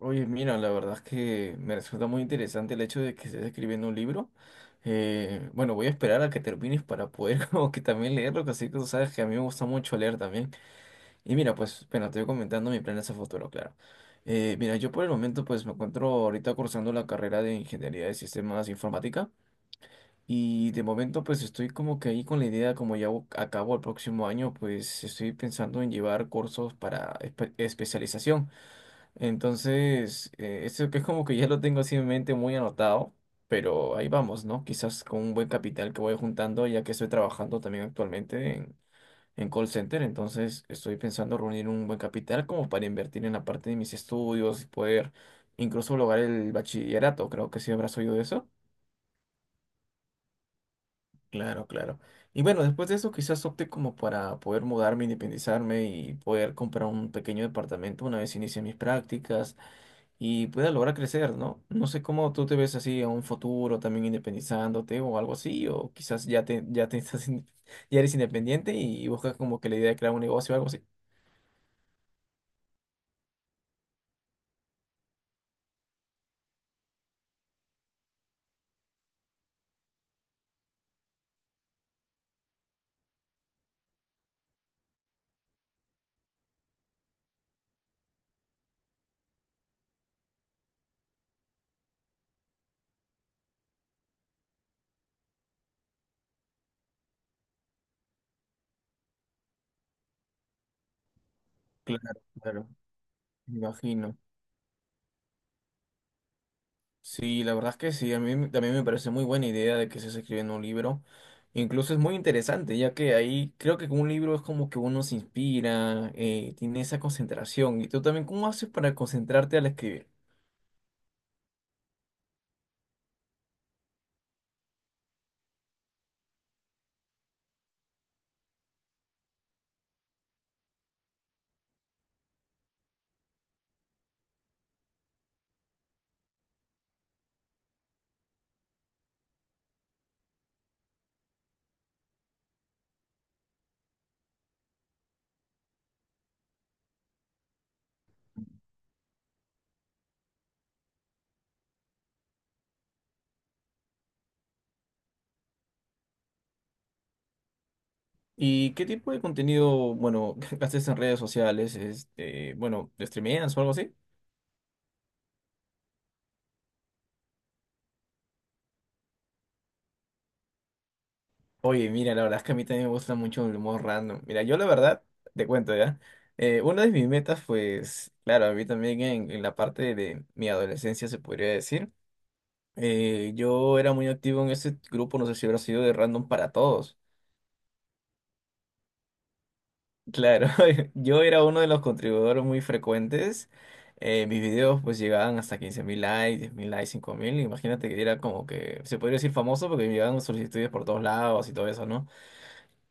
Oye, mira, la verdad es que me resulta muy interesante el hecho de que estés escribiendo un libro. Bueno, voy a esperar a que termines para poder como que también leerlo, que así que tú sabes que a mí me gusta mucho leer también. Y mira, pues, bueno, te voy comentando mis planes a futuro, claro. Mira, yo por el momento pues me encuentro ahorita cursando la carrera de Ingeniería de Sistemas Informática y de momento pues estoy como que ahí con la idea, como ya acabo el próximo año, pues estoy pensando en llevar cursos para especialización. Entonces, eso que es como que ya lo tengo así en mente muy anotado, pero ahí vamos, ¿no? Quizás con un buen capital que voy juntando, ya que estoy trabajando también actualmente en call center, entonces estoy pensando reunir un buen capital como para invertir en la parte de mis estudios y poder incluso lograr el bachillerato, creo que sí habrás oído de eso. Claro, claro. Y bueno, después de eso quizás opte como para poder mudarme, independizarme y poder comprar un pequeño departamento una vez inicie mis prácticas y pueda lograr crecer, ¿no? No sé cómo tú te ves así a un futuro también independizándote o algo así, o quizás ya te estás, ya eres independiente y buscas como que la idea de crear un negocio o algo así. Claro, claro, me imagino. Sí, la verdad es que sí, a también me parece muy buena idea de que estés escribiendo un libro. Incluso es muy interesante, ya que ahí creo que con un libro es como que uno se inspira, tiene esa concentración. ¿Y tú también cómo haces para concentrarte al escribir? ¿Y qué tipo de contenido, bueno, haces en redes sociales? Este, bueno, ¿streameas o algo así? Oye, mira, la verdad es que a mí también me gusta mucho el humor random. Mira, yo la verdad, te cuento ya, una de mis metas, pues, claro, a mí también en la parte de mi adolescencia se podría decir, yo era muy activo en ese grupo, no sé si habrá sido de Random para Todos. Claro, yo era uno de los contribuidores muy frecuentes. Mis videos pues llegaban hasta 15.000 likes, 10.000 likes, 5.000. Imagínate que era como que, se podría decir famoso porque me llegaban solicitudes por todos lados y todo eso, ¿no?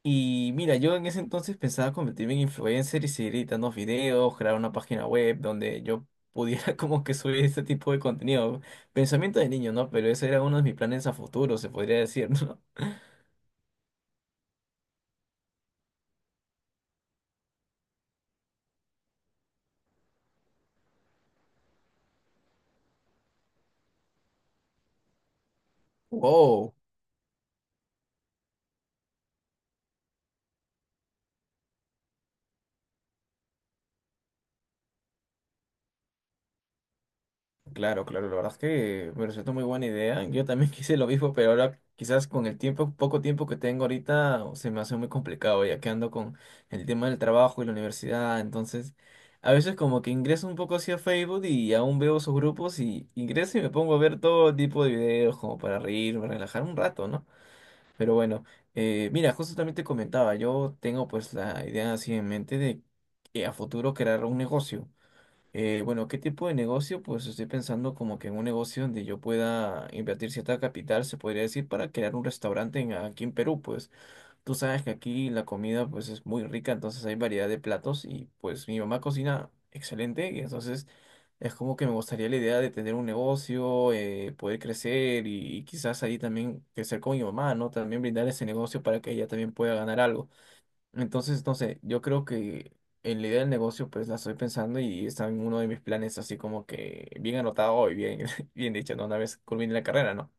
Y mira, yo en ese entonces pensaba convertirme en influencer y seguir editando videos, crear una página web donde yo pudiera como que subir este tipo de contenido. Pensamiento de niño, ¿no? Pero ese era uno de mis planes a futuro, se podría decir, ¿no? Wow. Claro, claro, la verdad es que me resultó muy buena idea. Yo también quise lo mismo, pero ahora quizás con el tiempo, poco tiempo que tengo ahorita, se me hace muy complicado, ya que ando con el tema del trabajo y la universidad. Entonces, a veces como que ingreso un poco hacia Facebook y aún veo esos grupos y ingreso y me pongo a ver todo tipo de videos como para reírme, relajar un rato, ¿no? Pero bueno, mira, justo también te comentaba, yo tengo pues la idea así en mente de a futuro crear un negocio. Bueno, ¿qué tipo de negocio? Pues estoy pensando como que en un negocio donde yo pueda invertir cierta capital, se podría decir, para crear un restaurante aquí en Perú. Pues tú sabes que aquí la comida pues es muy rica, entonces hay variedad de platos y pues mi mamá cocina excelente y entonces es como que me gustaría la idea de tener un negocio, poder crecer y quizás ahí también crecer con mi mamá, ¿no? También brindar ese negocio para que ella también pueda ganar algo. Entonces, no sé, yo creo que en la idea del negocio, pues la estoy pensando y está en uno de mis planes, así como que bien anotado y bien, bien dicho, ¿no? Una vez culmine la carrera, ¿no?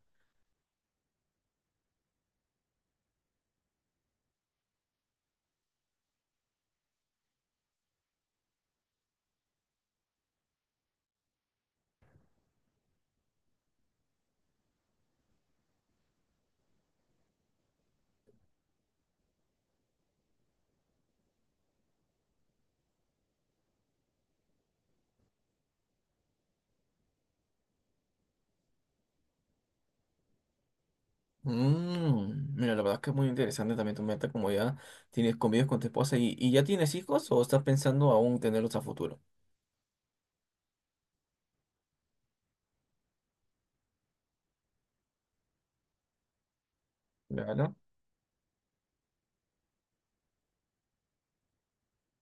Mm, mira, la verdad es que es muy interesante también tu meta, como ya tienes convives con tu esposa y ya tienes hijos o estás pensando aún tenerlos a futuro. Claro.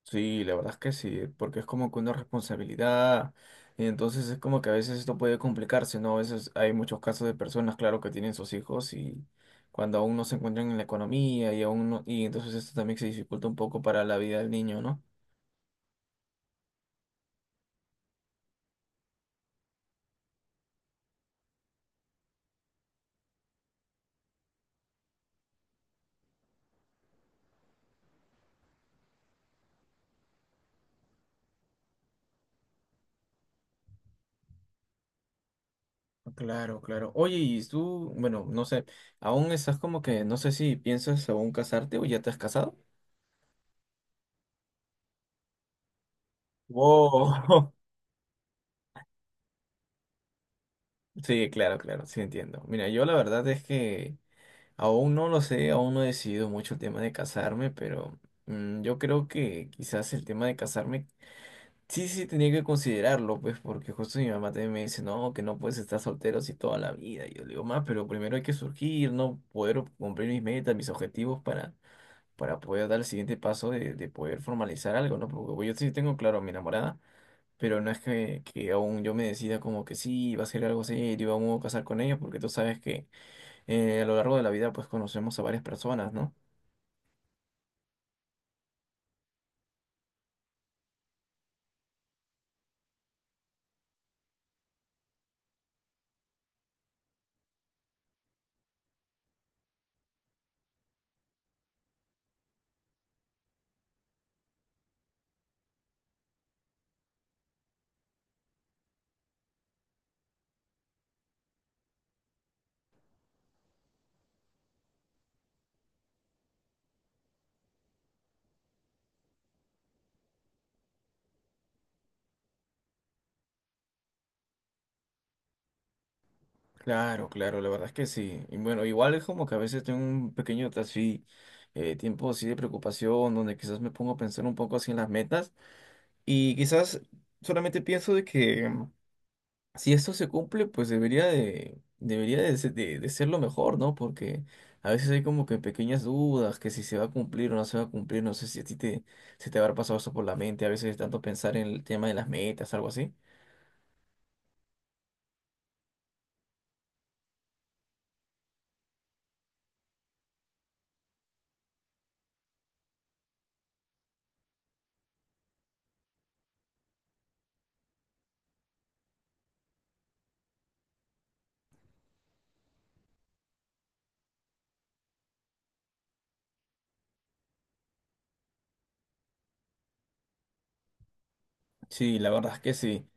Sí, la verdad es que sí, porque es como que una responsabilidad, y entonces es como que a veces esto puede complicarse, ¿no? A veces hay muchos casos de personas, claro, que tienen sus hijos y cuando aún no se encuentran en la economía y aún no, y entonces esto también se dificulta un poco para la vida del niño, ¿no? Claro, claro. Oye, y tú, bueno, no sé, aún estás como que, no sé si piensas aún casarte o ya te has casado. Wow. Sí, claro, claro, sí entiendo. Mira, yo la verdad es que aún no lo sé, aún no he decidido mucho el tema de casarme, pero mm, yo creo que quizás el tema de casarme sí tenía que considerarlo, pues, porque justo mi mamá también me dice, no, que no puedes estar soltero así toda la vida. Y yo le digo, más, pero primero hay que surgir, ¿no? Poder cumplir mis metas, mis objetivos para poder dar el siguiente paso de poder formalizar algo, ¿no? Porque pues, yo sí tengo claro a mi enamorada, pero no es que aún yo me decida como que sí, va a ser algo serio, aún me voy a casar con ella, porque tú sabes que a lo largo de la vida pues conocemos a varias personas, ¿no? Claro, claro, la verdad es que sí. Y bueno, igual es como que a veces tengo un pequeño así, tiempo así de preocupación, donde quizás me pongo a pensar un poco así en las metas y quizás solamente pienso de que mm, si esto se cumple, pues debería de, se- de ser lo mejor, ¿no? Porque a veces hay como que pequeñas dudas, que si se va a cumplir o no se va a cumplir, no sé si a ti se te habrá pasado eso por la mente, a veces tanto pensar en el tema de las metas, algo así. Sí, la verdad es que sí.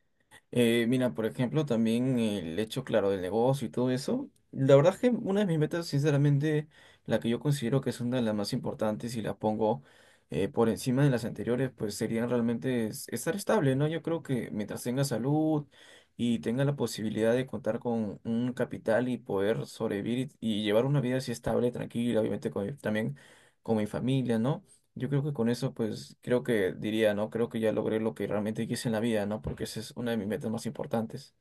Mira, por ejemplo, también el hecho, claro, del negocio y todo eso. La verdad es que una de mis metas, sinceramente, la que yo considero que es una de las más importantes y la pongo por encima de las anteriores, pues serían realmente estar estable, ¿no? Yo creo que mientras tenga salud y tenga la posibilidad de contar con un capital y poder sobrevivir y llevar una vida así estable, tranquila, obviamente también con mi familia, ¿no? Yo creo que con eso, pues, creo que diría, ¿no? Creo que ya logré lo que realmente quise en la vida, ¿no? Porque esa es una de mis metas más importantes.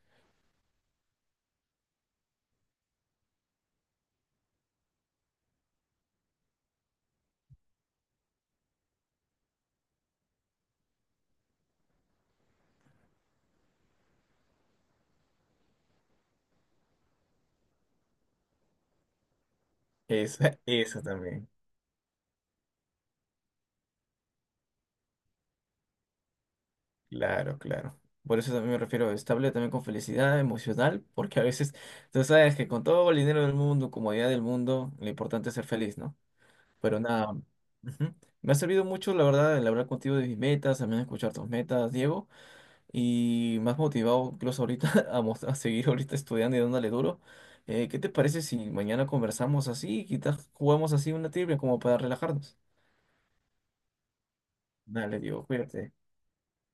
Esa, esa también. Claro, claro. Por eso también me refiero a estable también con felicidad emocional, porque a veces, tú sabes que con todo el dinero del mundo, comodidad del mundo, lo importante es ser feliz, ¿no? Pero nada, ujú. Me ha servido mucho, la verdad, el hablar contigo de mis metas, también escuchar tus metas, Diego. Y más motivado incluso ahorita a, a seguir ahorita estudiando y dándole duro. ¿Qué te parece si mañana conversamos así y quizás jugamos así una trivia como para relajarnos? Dale, digo, cuídate.